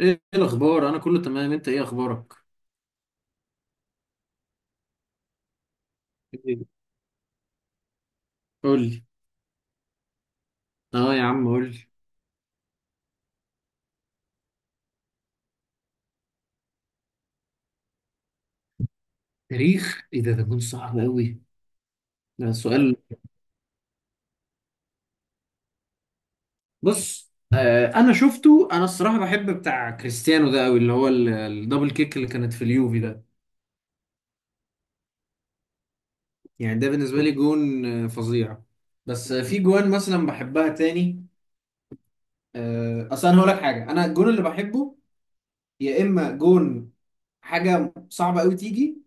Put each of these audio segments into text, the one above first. ايه الاخبار؟ انا كله تمام، انت ايه اخبارك؟ إيه؟ قول لي. اه يا عم، قول لي. تاريخ ايه ده؟ ده كان صعب قوي. ده سؤال. بص، انا شفته، انا الصراحه بحب بتاع كريستيانو ده قوي، اللي هو الدبل كيك اللي كانت في اليوفي ده. يعني ده بالنسبه لي جون فظيع. بس في جوان مثلا بحبها تاني. آه، اصل انا هقول لك حاجه، انا الجون اللي بحبه، يا اما جون حاجه صعبه قوي تيجي،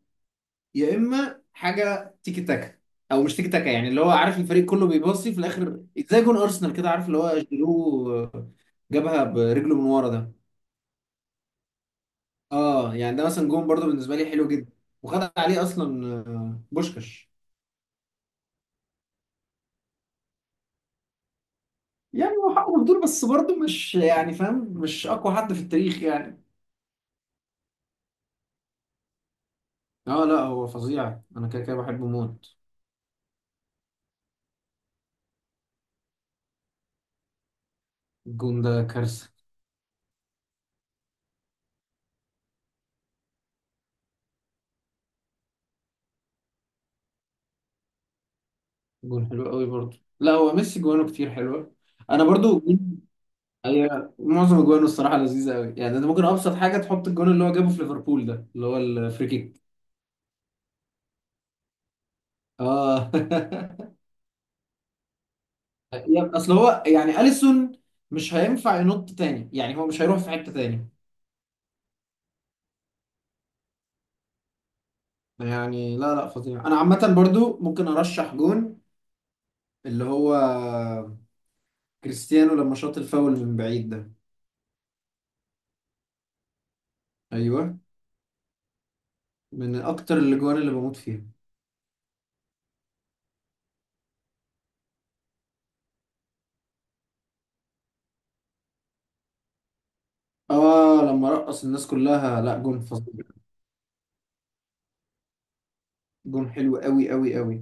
يا اما حاجه تيكي تاكا. او مش تيكي تاكا يعني، اللي هو عارف الفريق كله بيباصي في الاخر، زي جون ارسنال كده، عارف اللي هو جيرو، جابها برجله من ورا ده. اه يعني ده مثلا جون برضه بالنسبه لي حلو جدا، وخد عليه اصلا بوشكاش. يعني هو حقه مهدور، بس برضه مش، يعني، فاهم، مش اقوى حد في التاريخ يعني. اه لا، هو فظيع، انا كده كده بحبه موت. الجون ده كارثه. جون حلو قوي برضه، لا هو ميسي جوانه كتير حلوه. انا برضو، ايوه، معظم اجوانه الصراحه لذيذه قوي، يعني ده ممكن ابسط حاجه، تحط الجون اللي هو جابه في ليفربول ده اللي هو الفري كيك. اه. اصل هو يعني اليسون، مش هينفع ينط تاني يعني، هو مش هيروح في حته تاني. يعني لا، لا، فظيع. انا عامه برضو ممكن ارشح جون، اللي هو كريستيانو لما شاط الفاول من بعيد ده. ايوه، من اكتر الاجوان اللي بموت فيها. اه لما رقص الناس كلها، لا جون فظيع. جون حلو قوي قوي قوي.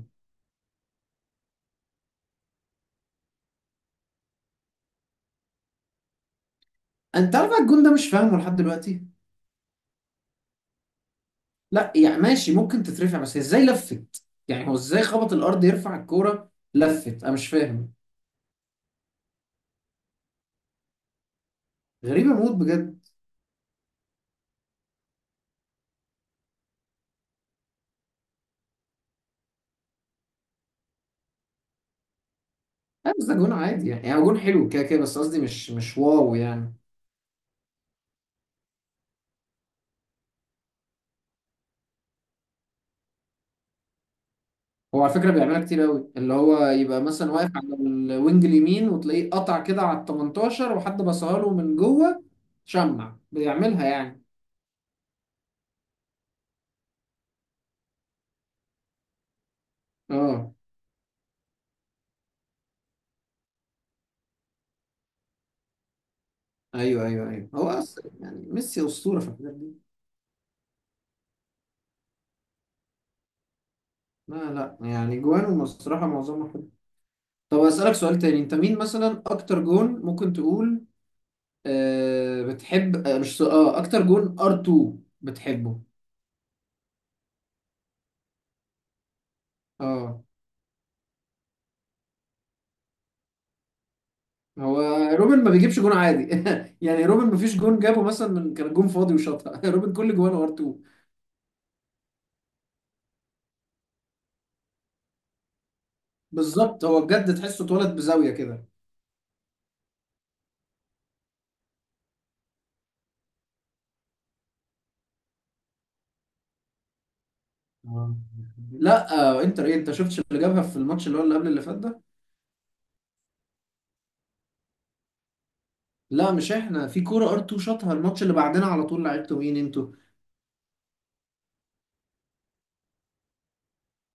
انت عارف الجون ده؟ مش فاهمه لحد دلوقتي. لا يعني ماشي ممكن تترفع، بس هي ازاي لفت؟ يعني هو ازاي خبط الارض يرفع الكوره لفت، انا مش فاهم. غريبه موت بجد. لا بس ده جون عادي، يعني هو جون حلو كده كده، بس قصدي مش واو يعني. هو على فكره بيعملها كتير قوي، اللي هو يبقى مثلا واقف على الوينج اليمين، وتلاقيه قطع كده على ال 18، وحد بصها له من جوه، شمع بيعملها يعني. اه، ايوه، ايوه، ايوه، هو اصلا يعني ميسي اسطوره في الحاجات دي. لا، لا، يعني جوانه الصراحه معظمها. طب أسألك سؤال تاني، انت مين مثلا اكتر جون ممكن تقول بتحب، مش اكتر جون ار2 بتحبه؟ اه. هو روبن ما بيجيبش جون عادي، يعني روبن ما فيش جون جابه مثلا من كان جون فاضي وشاطها، روبن كل جوانه ار2. بالظبط، هو بجد تحسه اتولد بزاوية كده. آه. لا، انتر ايه؟ انت شفتش اللي جابها في الماتش اللي هو اللي قبل اللي فات ده؟ لا، مش احنا في كورة ار2 شاطها الماتش اللي بعدنا على طول؟ لعبته مين؟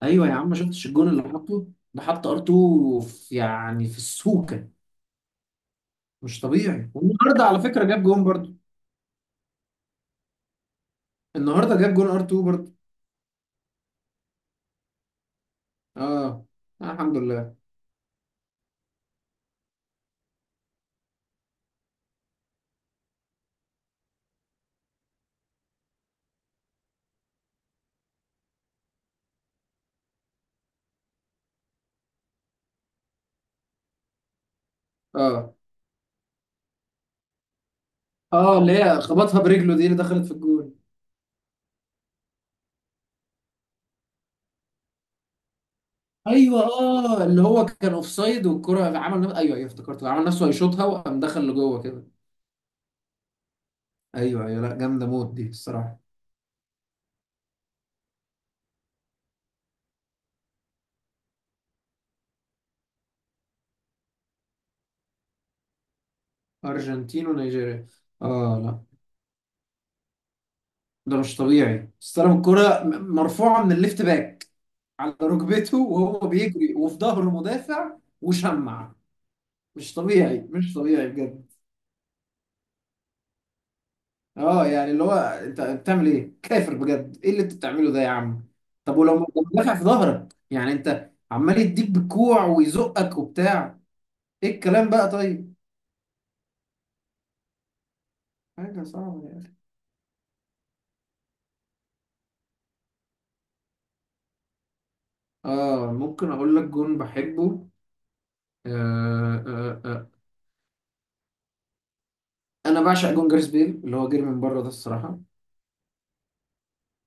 ايوه يا عم، ما شفتش الجون اللي حطه؟ ده حط ار2 في، يعني، في السوكه. مش طبيعي! والنهارده على فكره جاب جون برضو، النهارده جاب جون ار2 برضو. اه، آه، الحمد لله. اه، اه اللي هي خبطها برجله دي اللي دخلت في الجون. ايوه، اه اللي هو كان اوفسايد والكره عمل نفسه، ايوه، ايوه افتكرته، عمل نفسه هيشوطها وقام دخل لجوه كده. ايوه، ايوه، لا جامده موت دي الصراحه. ارجنتين ونيجيريا، اه لا، ده مش طبيعي، استلم الكره مرفوعه من الليفت باك على ركبته وهو بيجري وفي ظهره مدافع، وشمع. مش طبيعي، مش طبيعي بجد. اه يعني اللي هو انت بتعمل ايه كافر؟ بجد، ايه اللي انت بتعمله ده يا عم؟ طب ولو مدافع في ظهرك، يعني انت عمال يديك بالكوع ويزقك وبتاع، ايه الكلام بقى؟ طيب، حاجة صعبة يعني. اه، ممكن اقول لك جون بحبه، آه، آه، آه. انا بعشق جون جاريث بيل، اللي هو جري من بره ده الصراحة،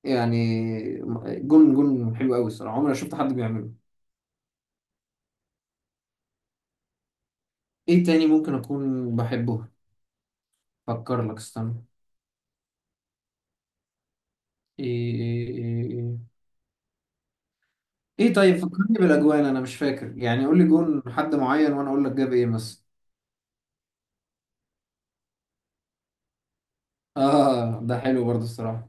يعني جون حلو قوي الصراحة، عمري ما شفت حد بيعمله. ايه تاني ممكن اكون بحبه؟ فكر لك، استنى. ايه ايه ايه ايه ايه ايه طيب فكرني بالاجوان انا مش فاكر، يعني قول لي جون حد معين وانا اقول لك جاب ايه مثلا. اه ده حلو برضه الصراحه.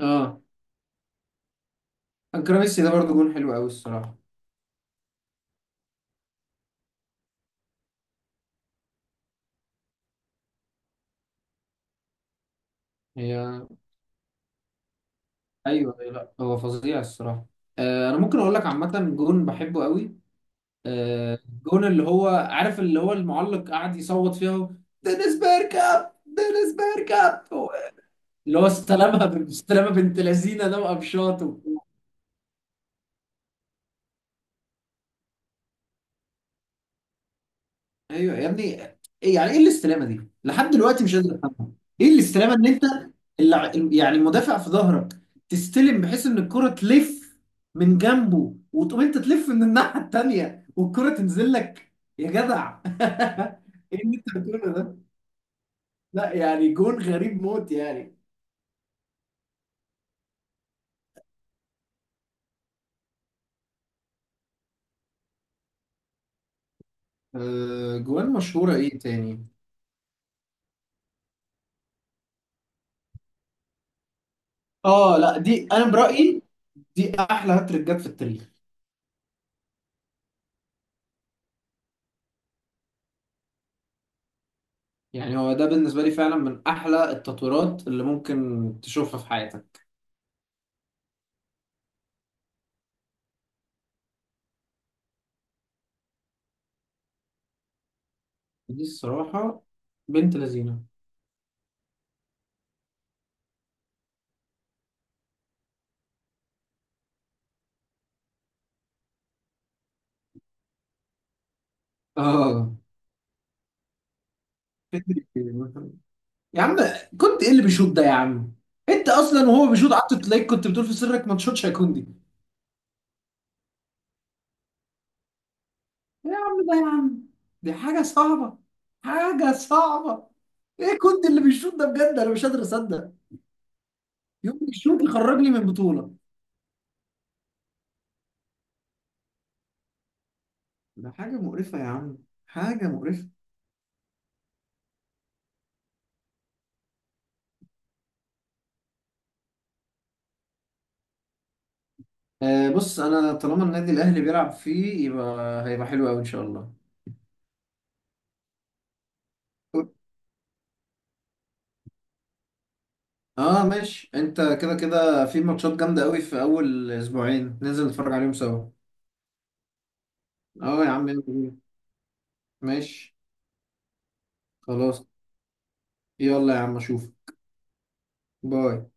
اه، انكراميسي ده برضه جون حلو قوي الصراحه. هي، ايوه، أيوة، لا هو فظيع الصراحه. آه، انا ممكن اقول لك عامه جون بحبه قوي. آه، جون اللي هو عارف اللي هو المعلق قاعد يصوت فيها، دينيس بيركاب، دينيس بيركاب، اللي هو استلمها بالاستلامه بنت لذينه ده وقفشاته. ايوه يا ابني، ايه يعني؟ ايه الاستلامه دي؟ لحد دلوقتي مش قادر افهمها. ايه الاستلامه؟ ان انت اللع... يعني المدافع في ظهرك، تستلم بحيث ان الكره تلف من جنبه، وتقوم انت تلف من الناحيه التانيه والكره تنزل لك. يا جدع، ايه اللي انت بتقوله ده؟ لا يعني جون غريب موت يعني. أه، جوان مشهوره ايه تاني؟ اه لا، دي انا برايي دي احلى هاتريك جت في التاريخ. يعني هو ده بالنسبة لي فعلا من أحلى التطويرات اللي ممكن تشوفها في حياتك، دي الصراحة بنت لذينة. آه، فكرة إيه مثلا؟ يا عم، كنت إيه اللي بيشوط ده يا عم؟ أنت أصلا وهو بيشوط قعدت تلاقيك كنت بتقول في سرك ما تشوطش، هيكون دي. إيه يا عم ده يا عم، دي حاجة صعبة، حاجة صعبة. إيه كنت اللي بيشوط ده بجد؟ أنا مش قادر أصدق، يوم بيشوط يخرجني من بطولة. ده حاجة مقرفة يا عم، حاجة مقرفة. آه، بص انا طالما النادي الاهلي بيلعب فيه يبقى هيبقى حلو قوي ان شاء الله. اه ماشي، انت كده كده في ماتشات جامده قوي في اول اسبوعين، ننزل نتفرج عليهم سوا. اه يا عم، يلا بينا. ماشي. خلاص. يلا يا عم، اشوف. باي.